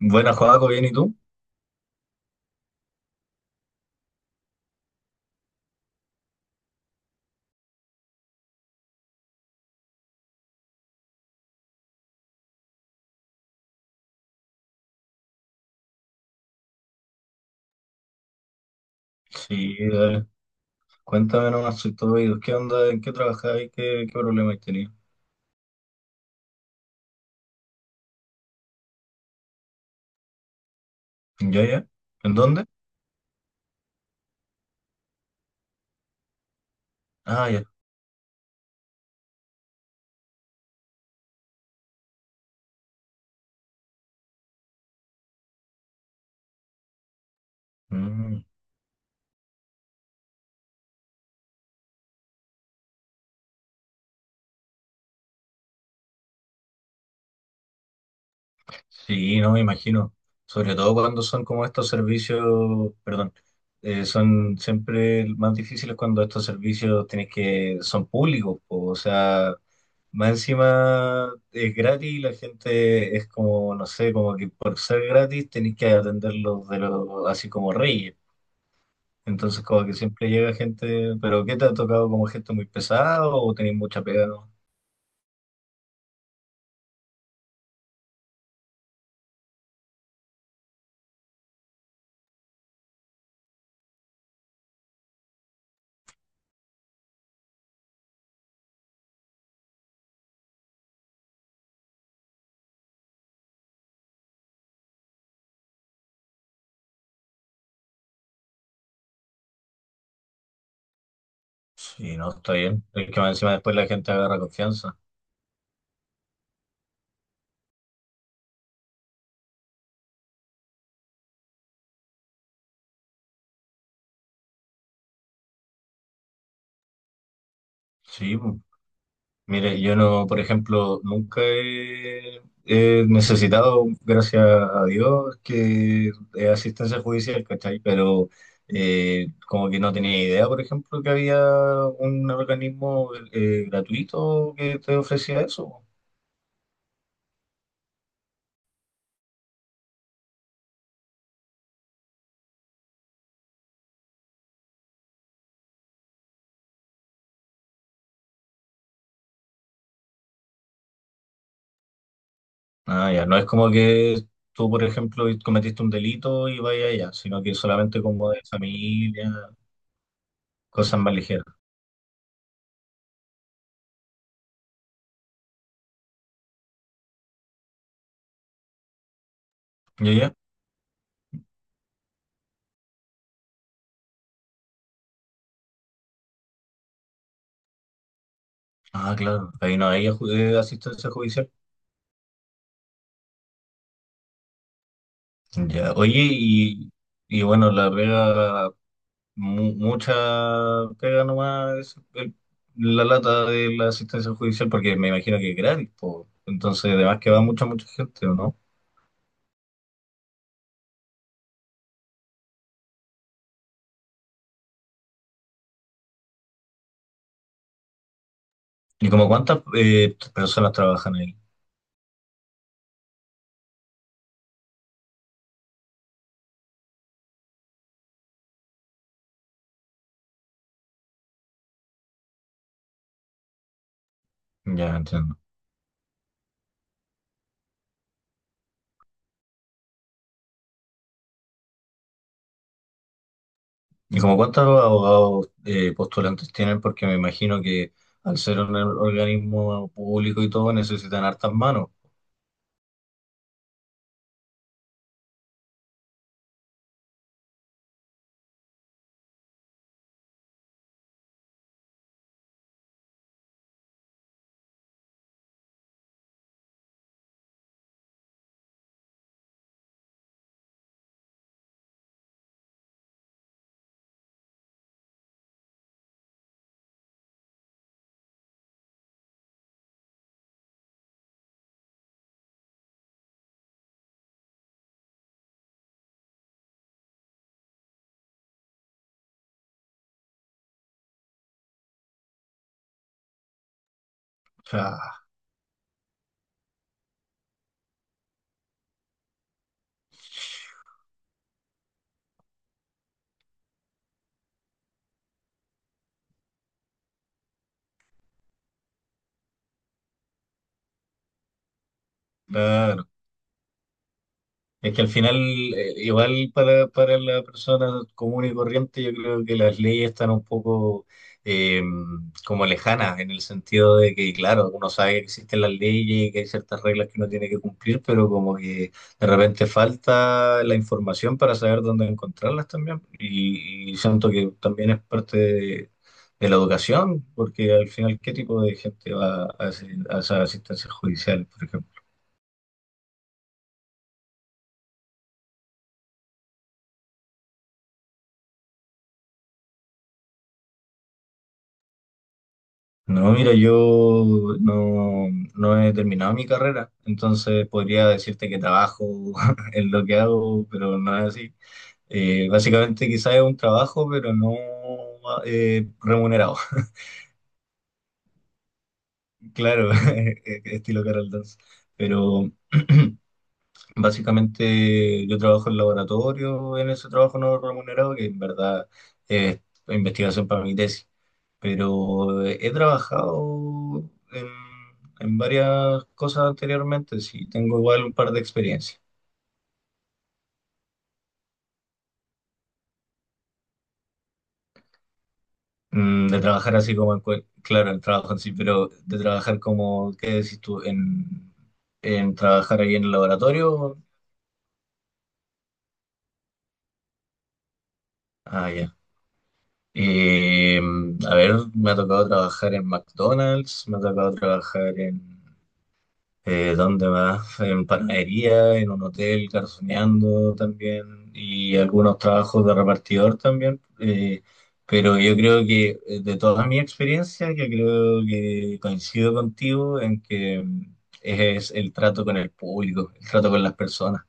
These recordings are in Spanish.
Buenas, Joaco, bien, ¿y tú? Sí, dale. Cuéntame nomás, soy todo oídos. ¿Qué onda? ¿En qué trabajabas? ¿Qué problema has tenido? ¿Ya, ya? ¿En dónde? Ah, ya. Mm, sí, no me imagino. Sobre todo cuando son como estos servicios, perdón, son siempre más difíciles cuando estos servicios tienes que, son públicos, po. O sea, más encima es gratis y la gente es como, no sé, como que por ser gratis tenéis que atenderlos de lo así como reyes. Entonces, como que siempre llega gente, pero ¿qué te ha tocado? ¿Como gente muy pesado o tenés mucha pega, no? Sí, no, está bien. Es que más encima después la gente agarra confianza. Sí, pu. Mire, yo no, por ejemplo, nunca he, he necesitado, gracias a Dios, que asistencia judicial, ¿cachai? Pero como que no tenía idea, por ejemplo, que había un organismo gratuito que te ofrecía eso. Ah, ya, no es como que tú, por ejemplo, cometiste un delito y vaya allá, sino que solamente como de familia, cosas más ligeras. ¿Ya, ya? Ah, claro, ahí no hay asistencia judicial. Ya, oye, y bueno, la pega, mucha pega nomás es la lata de la asistencia judicial, porque me imagino que es gratis, po. Entonces, además que va mucha, mucha gente, ¿o no? ¿Y como cuántas personas trabajan ahí? Ya, entiendo. ¿Y como cuántos abogados postulantes tienen? Porque me imagino que al ser un organismo público y todo necesitan hartas manos. O sea, claro. Es que al final, igual para la persona común y corriente, yo creo que las leyes están un poco eh, como lejanas, en el sentido de que, claro, uno sabe que existen las leyes y que hay ciertas reglas que uno tiene que cumplir, pero como que de repente falta la información para saber dónde encontrarlas también. Y siento que también es parte de la educación, porque al final, ¿qué tipo de gente va a, a esa asistencia judicial, por ejemplo? No, mira, yo no, no he terminado mi carrera, entonces podría decirte que trabajo en lo que hago, pero no es así. Básicamente quizás es un trabajo, pero no remunerado, claro, estilo Carol Dance. Pero básicamente yo trabajo en laboratorio, en ese trabajo no remunerado, que en verdad es investigación para mi tesis, pero he trabajado en varias cosas anteriormente, sí, tengo igual un par de experiencias. Mm, de trabajar así como, en claro, el trabajo en sí, pero de trabajar como, ¿qué decís tú? En trabajar ahí en el laboratorio. Ah, ya. Eh, a ver, me ha tocado trabajar en McDonald's, me ha tocado trabajar en... ¿dónde más? En panadería, en un hotel, garzoneando también, y algunos trabajos de repartidor también. Pero yo creo que de toda mi experiencia, yo creo que coincido contigo en que mm, es el trato con el público, el trato con las personas,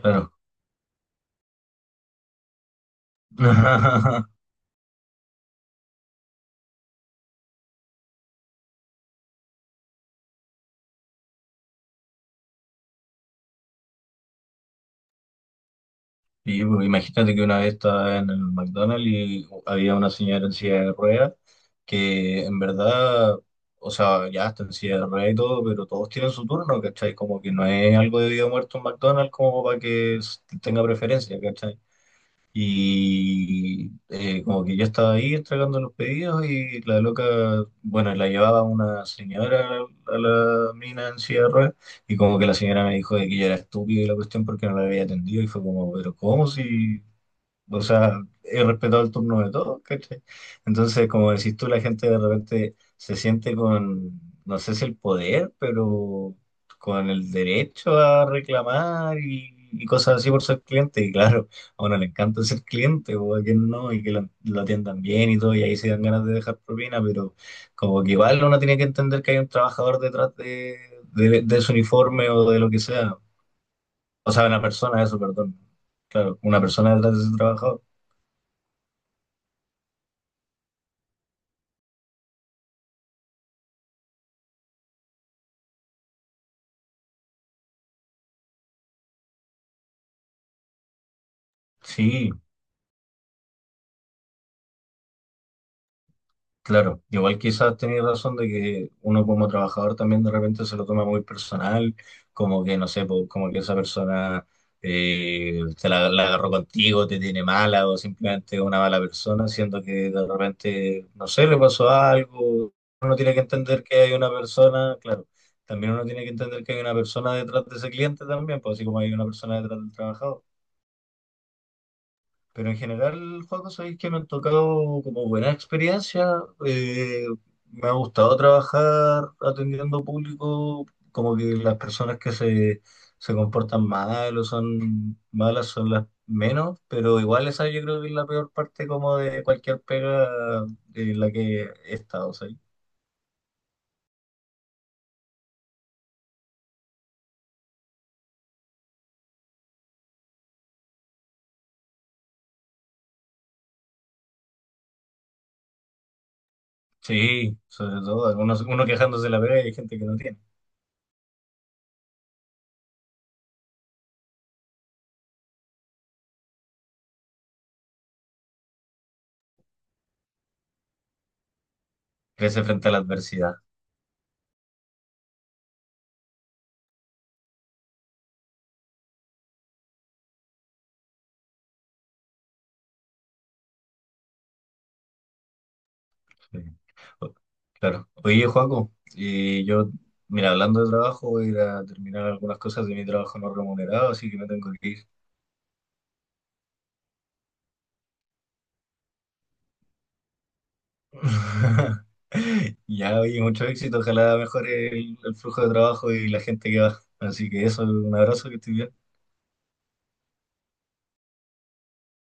claro. Y pues, imagínate que una vez estaba en el McDonald's y había una señora en silla de ruedas que en verdad, o sea, ya está en silla de ruedas y todo, pero todos tienen su turno, ¿cachai? Como que no es algo de vida o muerto en McDonald's como para que tenga preferencia, ¿cachai? Y como que yo estaba ahí entregando los pedidos y la loca, bueno, la llevaba una señora a la mina en silla de ruedas y como que la señora me dijo de que yo era estúpido y la cuestión porque no la había atendido y fue como, pero ¿cómo si...? O sea, he respetado el turno de todos, ¿cachai? Entonces, como decís tú, la gente de repente se siente con, no sé si el poder, pero con el derecho a reclamar y cosas así por ser cliente. Y claro, a uno le encanta ser cliente, o a quien no, y que lo atiendan bien y todo, y ahí se dan ganas de dejar propina, pero como que igual uno tiene que entender que hay un trabajador detrás de su uniforme o de lo que sea. O sea, una persona, eso, perdón. Claro, una persona detrás de ese trabajador. Sí, claro. Igual quizás tenía razón de que uno como trabajador también de repente se lo toma muy personal, como que, no sé, po, como que esa persona te la, la agarró contigo, te tiene mala o simplemente es una mala persona, siendo que de repente, no sé, le pasó algo. Uno tiene que entender que hay una persona, claro, también uno tiene que entender que hay una persona detrás de ese cliente también, pues así como hay una persona detrás del trabajador. Pero en general, Juan, sabéis que me han tocado como buena experiencia. eh, Me ha gustado trabajar atendiendo público, como que las personas que se comportan mal o son malas son las menos, pero igual esa yo creo que es la peor parte como de cualquier pega en la que he estado, ¿sabí? Sí, sobre todo, algunos, uno quejándose de la pega y hay gente que no tiene. Crece frente a la adversidad. Sí. O... claro. Oye, Joaco, y yo, mira, hablando de trabajo, voy a ir a terminar algunas cosas de mi trabajo no remunerado, así que me tengo que ir. Ya, oye, mucho éxito. Ojalá mejore el flujo de trabajo y la gente que va. Así que eso, un abrazo, que estés bien.